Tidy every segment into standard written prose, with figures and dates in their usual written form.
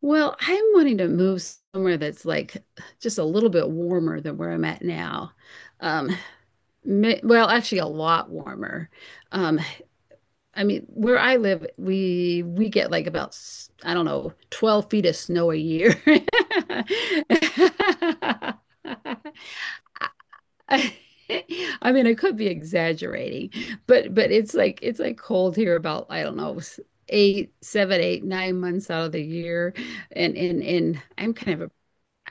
Well, I'm wanting to move somewhere that's like just a little bit warmer than where I'm at now. Um, well, actually, a lot warmer. Um, I mean, where I live, we get like I don't know, 12 feet of snow a year. I mean, I could be exaggerating, but it's like cold here about I don't know, eight, seven, eight, 9 months out of the year and I'm kind of a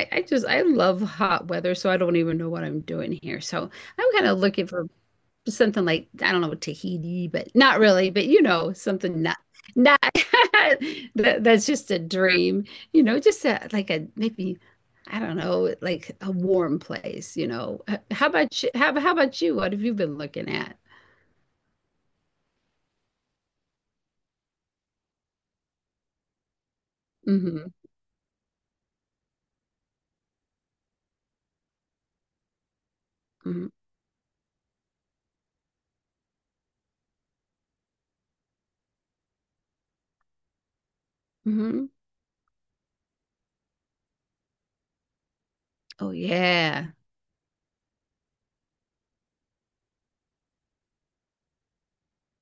I just I love hot weather, so I don't even know what I'm doing here. So I'm kind of looking for something like I don't know Tahiti, but not really, but you know something not not that's just a dream, you know, just a, like a maybe I don't know like a warm place, you know. How about you? How about you? What have you been looking at? Mm-hmm. Mm-hmm. Hmm. Oh yeah.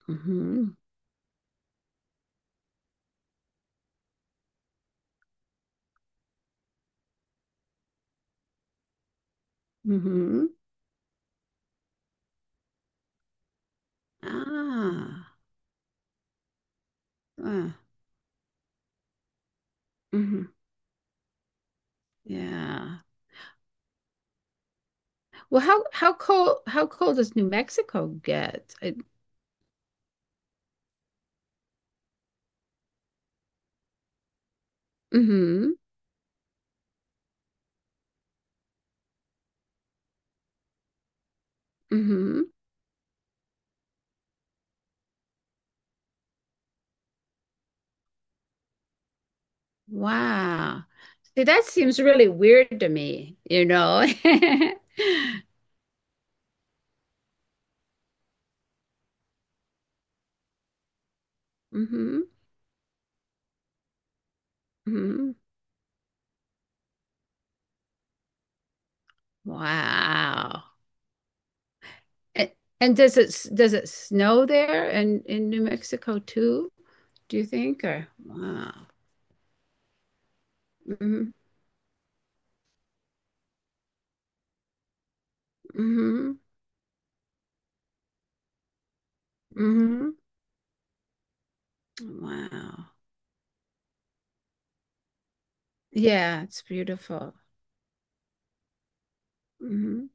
Mm-hmm. Mm-hmm. Ah. Uh, mm-hmm. Yeah. Well, how cold does New Mexico get? Mm-hmm. Mm-hmm. Wow. See, that seems really weird to me, you know. Mm-hmm. Mm-hmm. Wow. And, and does it snow there in New Mexico too, do you think? Or wow. Mm-hmm. Mm-hmm. Mm-hmm. Wow. Yeah, it's beautiful. Mm-hmm.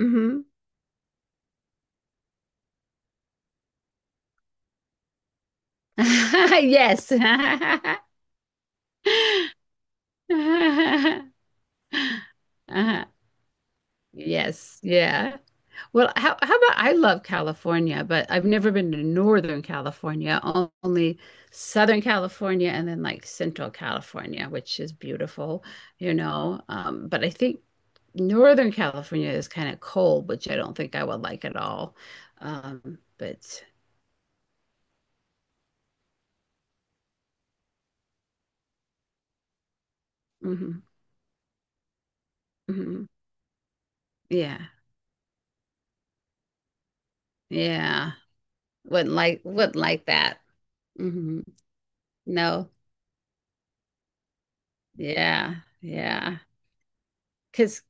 Mm-hmm. Yes. Uh-huh. Uh-huh. Yes, yeah. Well, how about I love California, but I've never been to Northern California, only Southern California and then like Central California, which is beautiful, you know. But I think Northern California is kind of cold, which I don't think I would like at all. But Mhm, mhm. Yeah, yeah. Wouldn't like that. Hmm. No. Yeah, yeah. Because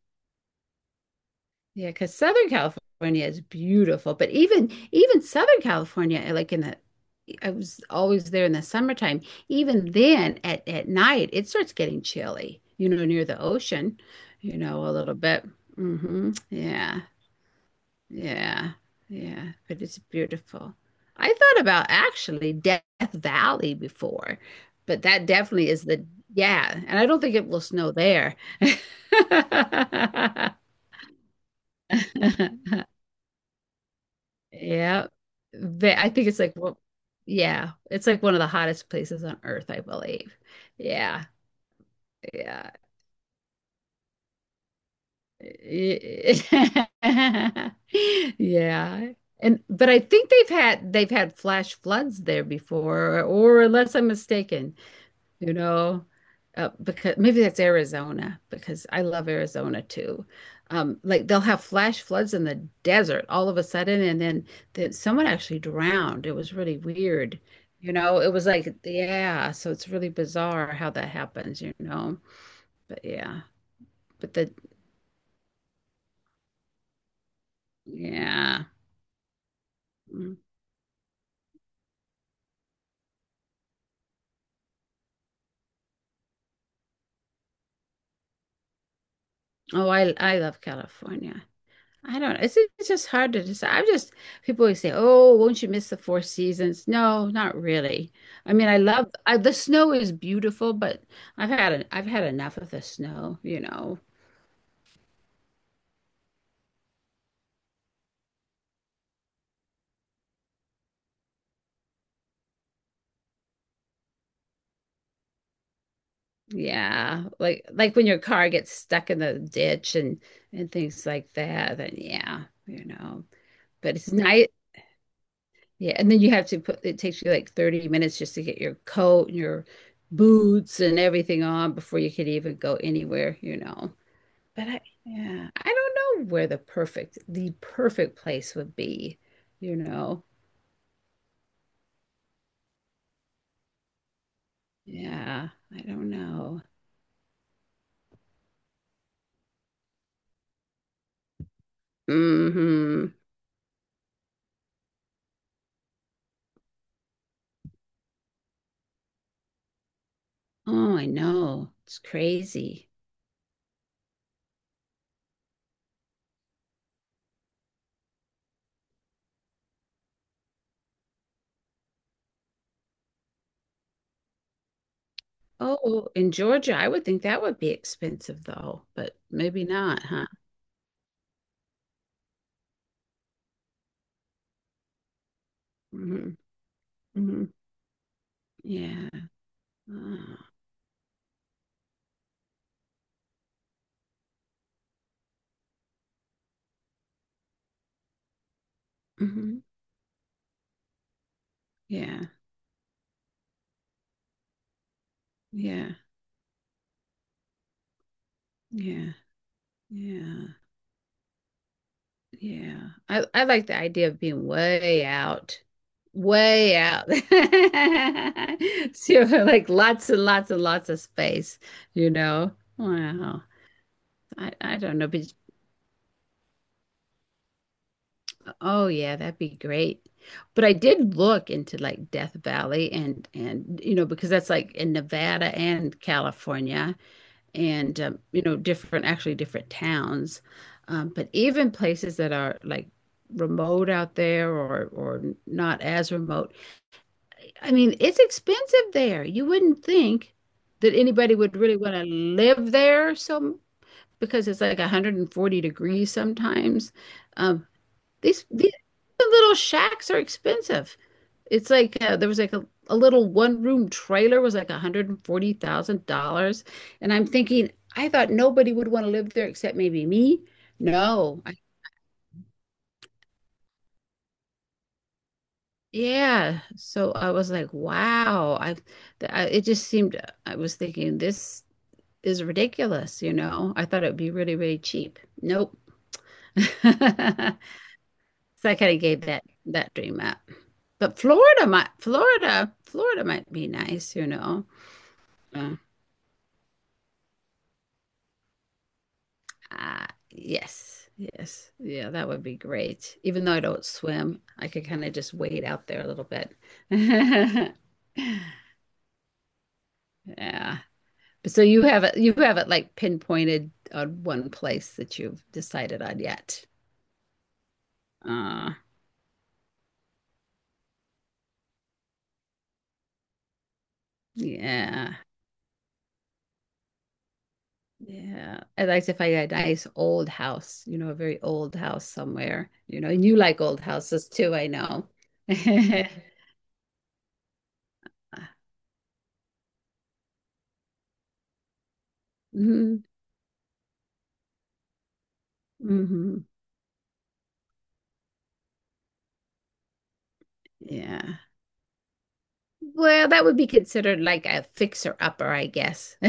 yeah, because Southern California is beautiful, but even Southern California, eh, like in the, I was always there in the summertime. Even then, at night, it starts getting chilly, you know, near the ocean, you know, a little bit. Hmm. Yeah, yeah, yeah. But it's beautiful. I thought about actually Death Valley before, but that definitely is the yeah, and I don't think it will snow there. Yeah. I think it's like well, yeah, it's like one of the hottest places on earth, I believe. Yeah, yeah. Yeah. And but I think they've had flash floods there before, or unless I'm mistaken. You know, because maybe that's Arizona because I love Arizona too. Like they'll have flash floods in the desert all of a sudden, and then someone actually drowned. It was really weird, you know. It was like, yeah, so it's really bizarre how that happens, you know. But yeah, but the yeah. Mm. Oh, I love California. I don't know. It's just hard to decide. I'm just, people always say, "Oh, won't you miss the four seasons?" No, not really. I mean, the snow is beautiful, but I've had enough of the snow, you know. Yeah, like when your car gets stuck in the ditch and things like that. Then yeah, you know. But it's nice. Yeah, and then you have to put it takes you like 30 minutes just to get your coat and your boots and everything on before you can even go anywhere, you know. But I, yeah, I don't know where the perfect place would be, you know. Yeah, I don't know. Hmm. Oh, I know. It's crazy. Oh, in Georgia, I would think that would be expensive though, but maybe not, huh? Hmm. Hmm. Yeah. Oh, hmm. Yeah. Yeah. Yeah. Yeah. Yeah. I like the idea of being way out, way out. So like lots and lots and lots of space, you know? Wow. I don't know, but oh yeah, that'd be great. But I did look into like Death Valley and you know, because that's like in Nevada and California. And you know different actually different towns but even places that are like remote out there or not as remote. I mean it's expensive there. You wouldn't think that anybody would really want to live there, so because it's like 140 degrees sometimes. Um, these these little shacks are expensive. It's like there was like a little one room trailer was like $140,000. And I'm thinking, I thought nobody would want to live there except maybe me. No. Yeah. So I was like, wow. I it just seemed I was thinking this is ridiculous, you know. I thought it would be really, really cheap. Nope. So I kind of gave that dream up. But Florida might be nice, you know. Yeah. Ah, yes, yes. Yeah, that would be great. Even though I don't swim, I could kind of just wade out there a little bit. Yeah. But so you have it like pinpointed on one place that you've decided on yet. Uh, yeah. Yeah. I'd like to find a nice old house, you know, a very old house somewhere, you know, and you like old houses too, I know. Hmm. Hmm. Yeah. Well, that would be considered like a fixer-upper, I guess.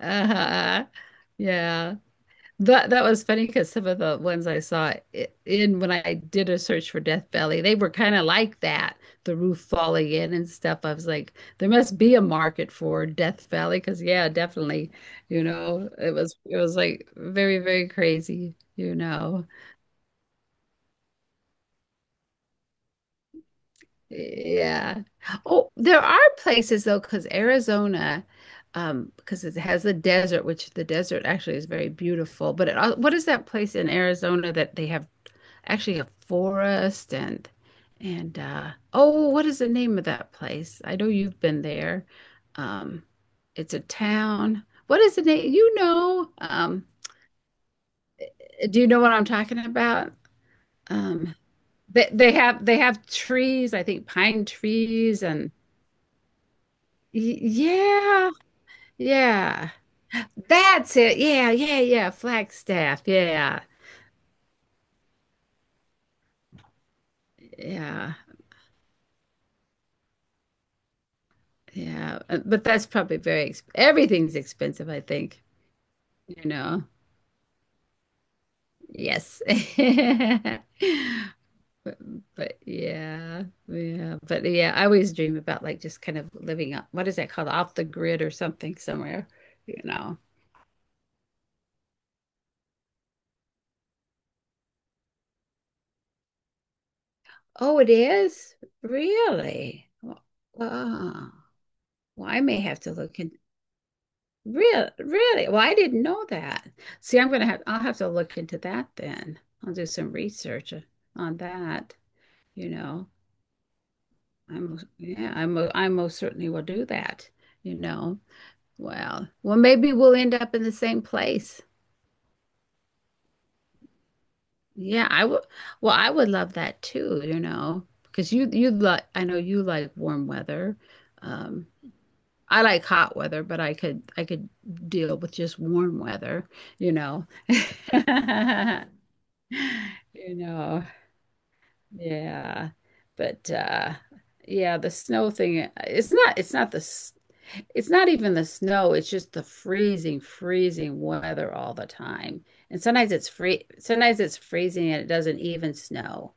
Uh-huh. Yeah. That that was funny because some of the ones I saw I- in when I did a search for Death Valley, they were kind of like that, the roof falling in and stuff. I was like, there must be a market for Death Valley because yeah, definitely, you know, it was like very, very crazy, you know. Yeah. Oh, there are places though, because Arizona, because it has the desert, which the desert actually is very beautiful. But what is that place in Arizona that they have actually a forest and oh, what is the name of that place? I know you've been there. Um, it's a town. What is the name? You know, do you know what I'm talking about? Um, they have trees, I think pine trees and yeah, yeah. That's it. Yeah, yeah, yeah. Flagstaff. Yeah, yeah, yeah. But that's probably very exp everything's expensive, I think. You know. Yes. But, but yeah, yeah. But yeah, I always dream about like just kind of living up. What is that called? Off the grid or something somewhere. You know. Oh, it is? Really? Wow. Well, I may have to look in. Really, really? Well, I didn't know that. See, I'll have to look into that then. I'll do some research on that, you know. I'm yeah, I'm I most certainly will do that, you know. Well, well maybe we'll end up in the same place. Yeah, I would well, I would love that too, you know, because you like I know you like warm weather. Um, I like hot weather, but I could deal with just warm weather, you know. You know, yeah. But yeah, the snow thing, it's not it's not even the snow, it's just the freezing, freezing weather all the time. And sometimes it's freezing and it doesn't even snow.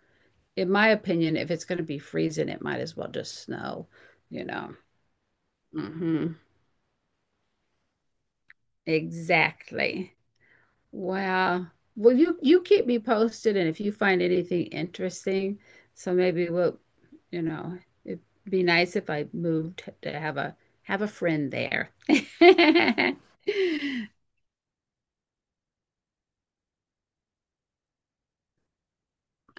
In my opinion, if it's going to be freezing, it might as well just snow, you know. Hmm. Exactly. Wow. Well, you keep me posted, and if you find anything interesting, so maybe we'll, you know, it'd be nice if I moved to have a friend there.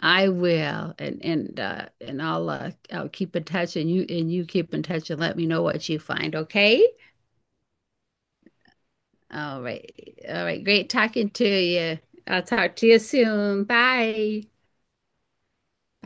I will, and I'll keep in touch, and you keep in touch, and let me know what you find. Okay. All right. All right. Great talking to you. I'll talk to you soon. Bye. Bye.